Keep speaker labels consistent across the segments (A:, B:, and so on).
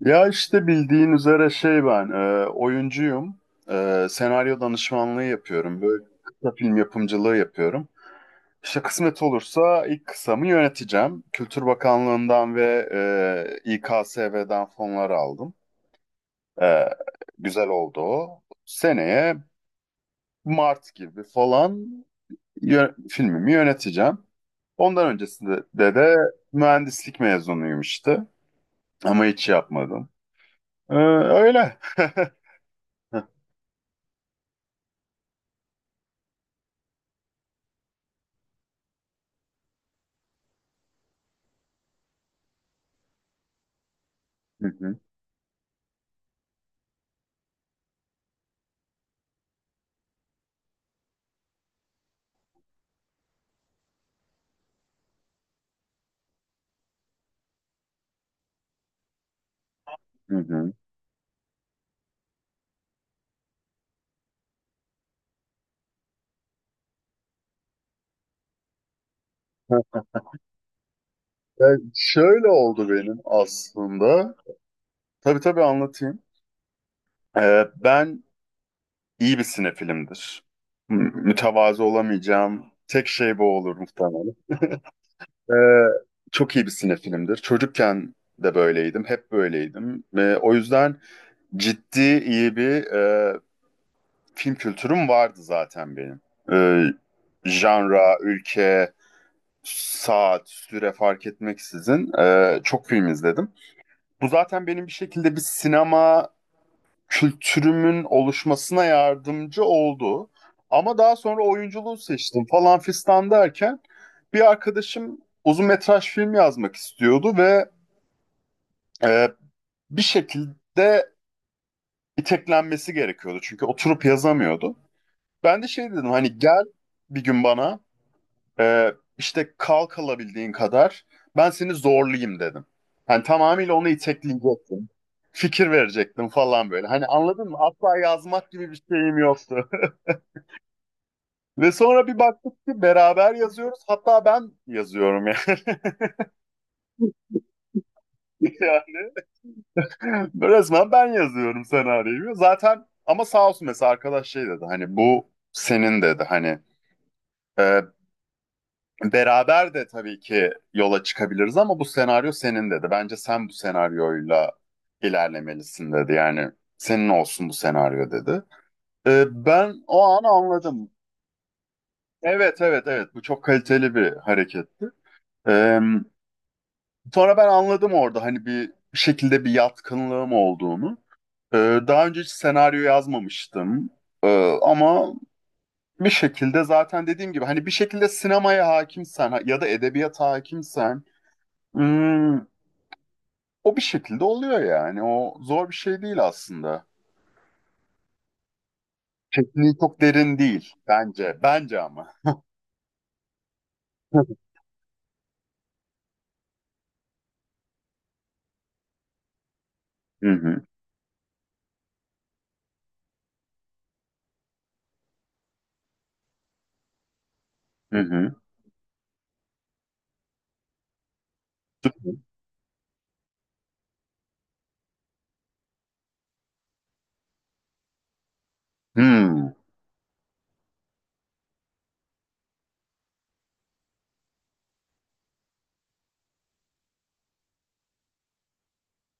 A: Ya işte bildiğin üzere şey ben oyuncuyum. Senaryo danışmanlığı yapıyorum. Böyle kısa film yapımcılığı yapıyorum. İşte kısmet olursa ilk kısamı yöneteceğim. Kültür Bakanlığı'ndan ve İKSV'den fonlar aldım. E, Güzel oldu o. Seneye Mart gibi falan filmimi yöneteceğim. Ondan öncesinde de mühendislik mezunuyum işte. Ama hiç yapmadım. Öyle. Hı hı. Hı hı. Ya şöyle oldu benim aslında. Tabii, tabii anlatayım. Ben iyi bir sinefilimdir. Mütevazı olamayacağım. Tek şey bu olur muhtemelen. Ee, Çok iyi bir sinefilimdir. Çocukken de böyleydim. Hep böyleydim. O yüzden ciddi iyi bir film kültürüm vardı zaten benim. Ee, Janra, ülke, saat, süre fark etmeksizin çok film izledim. Bu zaten benim bir şekilde bir sinema kültürümün oluşmasına yardımcı oldu. Ama daha sonra oyunculuğu seçtim falan fistan derken bir arkadaşım uzun metraj film yazmak istiyordu ve e, bir şekilde iteklenmesi gerekiyordu. Çünkü oturup yazamıyordu. Ben de şey dedim, hani gel bir gün bana, işte kalk alabildiğin kadar ben seni zorlayayım dedim. Hani tamamıyla onu itekleyecektim. Fikir verecektim falan böyle. Hani, anladın mı? Asla yazmak gibi bir şeyim yoktu. Ve sonra bir baktık ki beraber yazıyoruz. Hatta ben yazıyorum yani. Yani, resmen ben yazıyorum senaryoyu. Zaten ama sağ olsun, mesela arkadaş şey dedi. Hani bu senin dedi. Hani, e, beraber de tabii ki yola çıkabiliriz ama bu senaryo senin dedi. Bence sen bu senaryoyla ilerlemelisin dedi. Yani senin olsun bu senaryo dedi. Ben o an anladım. Evet, evet, evet, bu çok kaliteli bir hareketti. Ee, Sonra ben anladım orada hani bir şekilde bir yatkınlığım olduğunu. Daha önce hiç senaryo yazmamıştım. Ee, Ama bir şekilde, zaten dediğim gibi, hani bir şekilde sinemaya hakimsen ya da edebiyata hakimsen Hmm, o bir şekilde oluyor yani. O zor bir şey değil aslında. Tekniği çok derin değil bence. Bence ama. Hı hı. Hı hı. Hmm,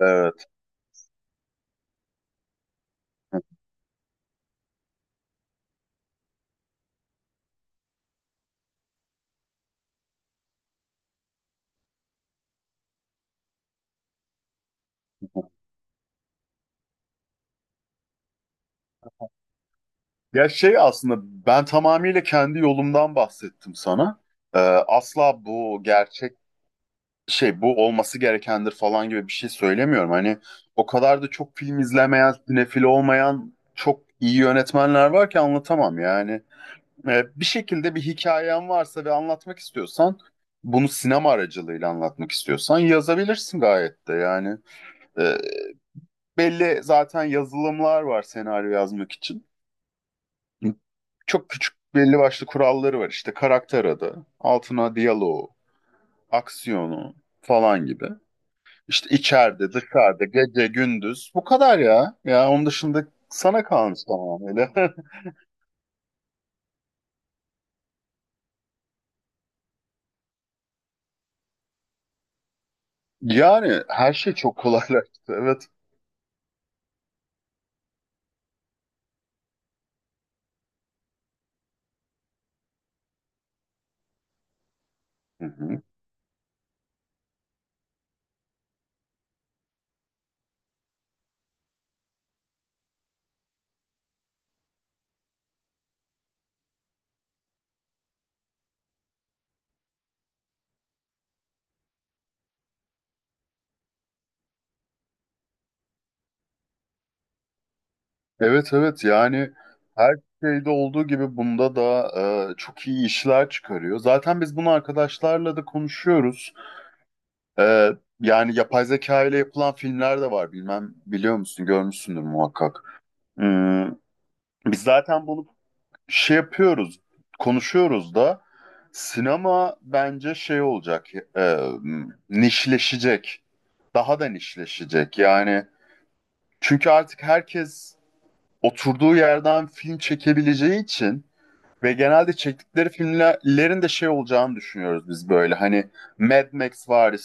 A: evet. Ya şey aslında ben tamamıyla kendi yolumdan bahsettim sana. Asla bu gerçek şey bu olması gerekendir falan gibi bir şey söylemiyorum. Hani o kadar da çok film izlemeyen, sinefil olmayan çok iyi yönetmenler var ki anlatamam yani. Bir şekilde bir hikayen varsa ve anlatmak istiyorsan, bunu sinema aracılığıyla anlatmak istiyorsan yazabilirsin gayet de yani. Ee, Belli zaten yazılımlar var senaryo yazmak için. Çok küçük belli başlı kuralları var işte: karakter adı, altına diyaloğu, aksiyonu falan gibi. İşte içeride, dışarıda, gece, gündüz, bu kadar ya. Ya onun dışında sana kalmış tamamıyla. Yani her şey çok kolaylaştı, evet. Hı hı. Evet, evet, yani her şeyde olduğu gibi bunda da çok iyi işler çıkarıyor. Zaten biz bunu arkadaşlarla da konuşuyoruz. E, Yani yapay zeka ile yapılan filmler de var. Bilmem biliyor musun, görmüşsündür muhakkak. Hmm, Biz zaten bunu şey yapıyoruz, konuşuyoruz da sinema bence şey olacak, e, nişleşecek. Daha da nişleşecek yani. Çünkü artık herkes oturduğu yerden film çekebileceği için. Ve genelde çektikleri filmlerin de şey olacağını düşünüyoruz biz böyle. Hani Mad Max vari,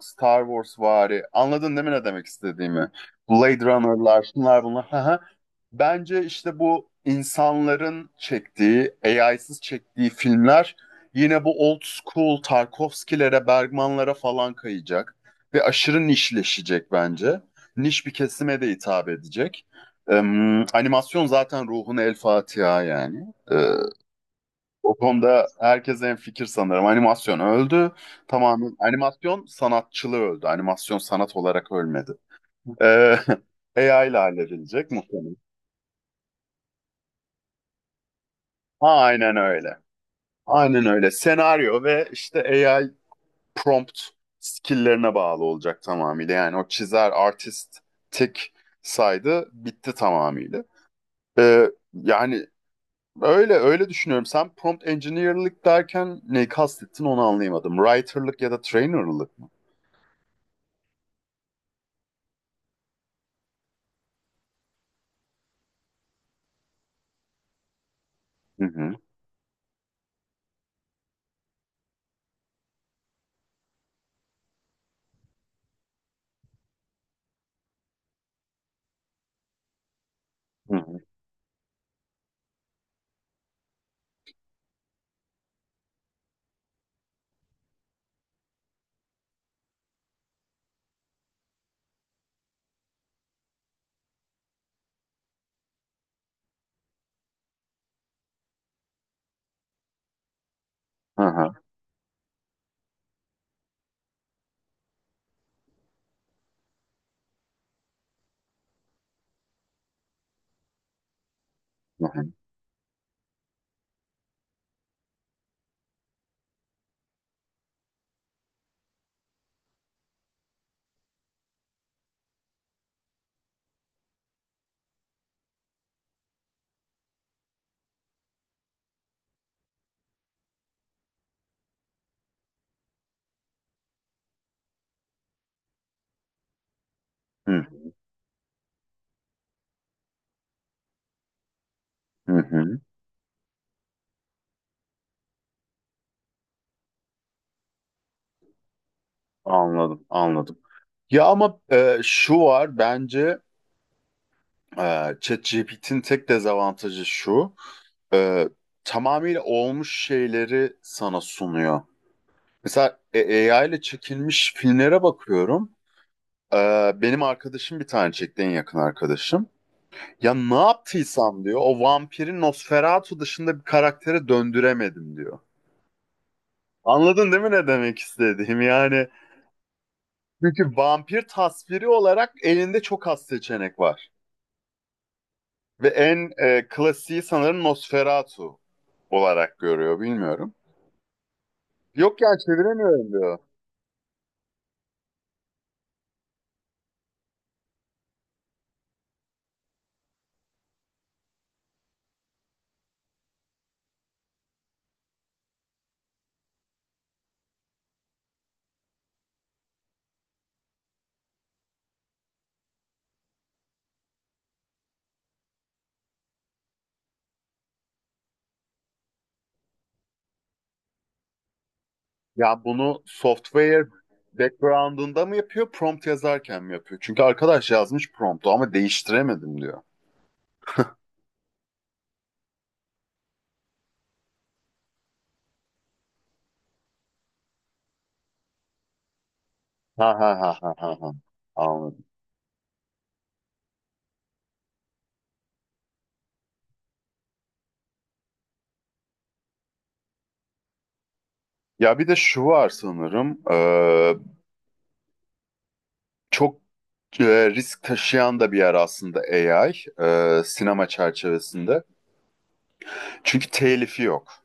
A: Star Wars vari. Anladın değil mi ne demek istediğimi? Blade Runner'lar, şunlar bunlar. Hı hı. Bence işte bu insanların çektiği, AI'sız çektiği filmler yine bu old school Tarkovski'lere, Bergman'lara falan kayacak. Ve aşırı nişleşecek bence. Niş bir kesime de hitap edecek. Animasyon zaten ruhuna el Fatiha yani. O konuda herkes en fikir sanırım. Animasyon öldü. Tamamen animasyon sanatçılığı öldü. Animasyon sanat olarak ölmedi. Ee, AI ile halledilecek muhtemelen. Aynen öyle. Aynen öyle. Senaryo ve işte AI prompt skill'lerine bağlı olacak tamamıyla. Yani o çizer artistik saydı, bitti tamamıyla. Yani öyle öyle düşünüyorum. Sen prompt engineer'lık derken neyi kastettin, onu anlayamadım. Writer'lık ya da trainer'lık mı? Hı hı. Hı hı. Hı hı. Hı hı. Hı hı. Hı hı. Anladım, anladım. Ya ama şu var bence, ChatGPT'nin tek dezavantajı şu. e, Tamamıyla olmuş şeyleri sana sunuyor. Mesela AI ile çekilmiş filmlere bakıyorum. E, Benim arkadaşım bir tane çekti, en yakın arkadaşım. Ya ne yaptıysam diyor, o vampiri Nosferatu dışında bir karaktere döndüremedim diyor. Anladın değil mi ne demek istediğim? Yani. Çünkü vampir tasviri olarak elinde çok az seçenek var. Ve en klasiği sanırım Nosferatu olarak görüyor, bilmiyorum. Yok ya, çeviremiyorum diyor. Ya bunu software background'unda mı yapıyor, prompt yazarken mi yapıyor? Çünkü arkadaş yazmış promptu ama değiştiremedim diyor. Ha ha ha ha ha. Ha. Anladım. Ya bir de şu var sanırım. Çok risk taşıyan da bir yer aslında AI, sinema çerçevesinde. Çünkü telifi yok.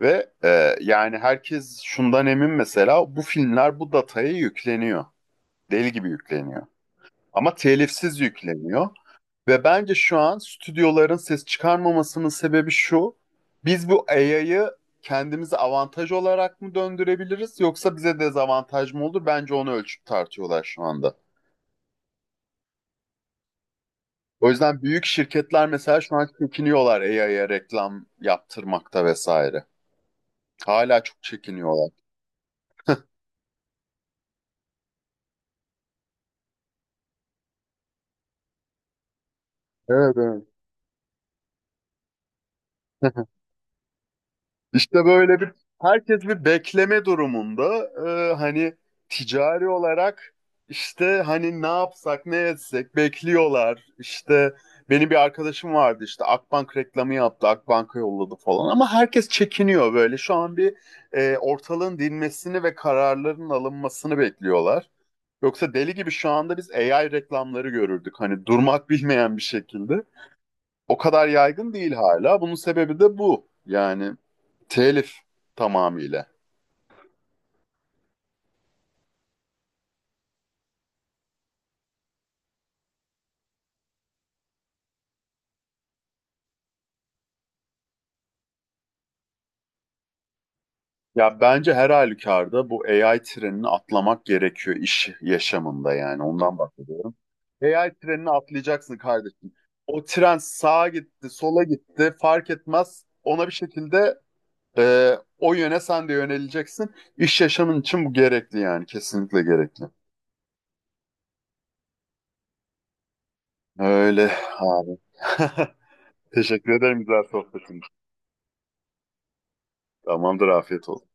A: Ve yani herkes şundan emin, mesela bu filmler bu dataya yükleniyor. Deli gibi yükleniyor. Ama telifsiz yükleniyor. Ve bence şu an stüdyoların ses çıkarmamasının sebebi şu: biz bu AI'yı kendimize avantaj olarak mı döndürebiliriz, yoksa bize dezavantaj mı olur? Bence onu ölçüp tartıyorlar şu anda. O yüzden büyük şirketler mesela şu an çekiniyorlar AI'ya reklam yaptırmakta vesaire. Hala çok çekiniyorlar. Evet, evet. İşte böyle bir, herkes bir bekleme durumunda. Hani ticari olarak, işte hani ne yapsak ne etsek bekliyorlar. İşte benim bir arkadaşım vardı, işte Akbank reklamı yaptı, Akbank'a yolladı falan, ama herkes çekiniyor böyle. Şu an bir ortalığın dinmesini ve kararların alınmasını bekliyorlar. Yoksa deli gibi şu anda biz AI reklamları görürdük, hani durmak bilmeyen bir şekilde. O kadar yaygın değil hala. Bunun sebebi de bu. Yani telif, tamamıyla. Ya bence her halükarda bu AI trenini atlamak gerekiyor iş yaşamında, yani ondan bahsediyorum. AI trenini atlayacaksın kardeşim. O tren sağa gitti, sola gitti fark etmez. Ona bir şekilde, e, o yöne sen de yöneleceksin. İş yaşamın için bu gerekli, yani kesinlikle gerekli. Öyle abi. Teşekkür ederim güzel sohbetin. Tamamdır, afiyet olsun.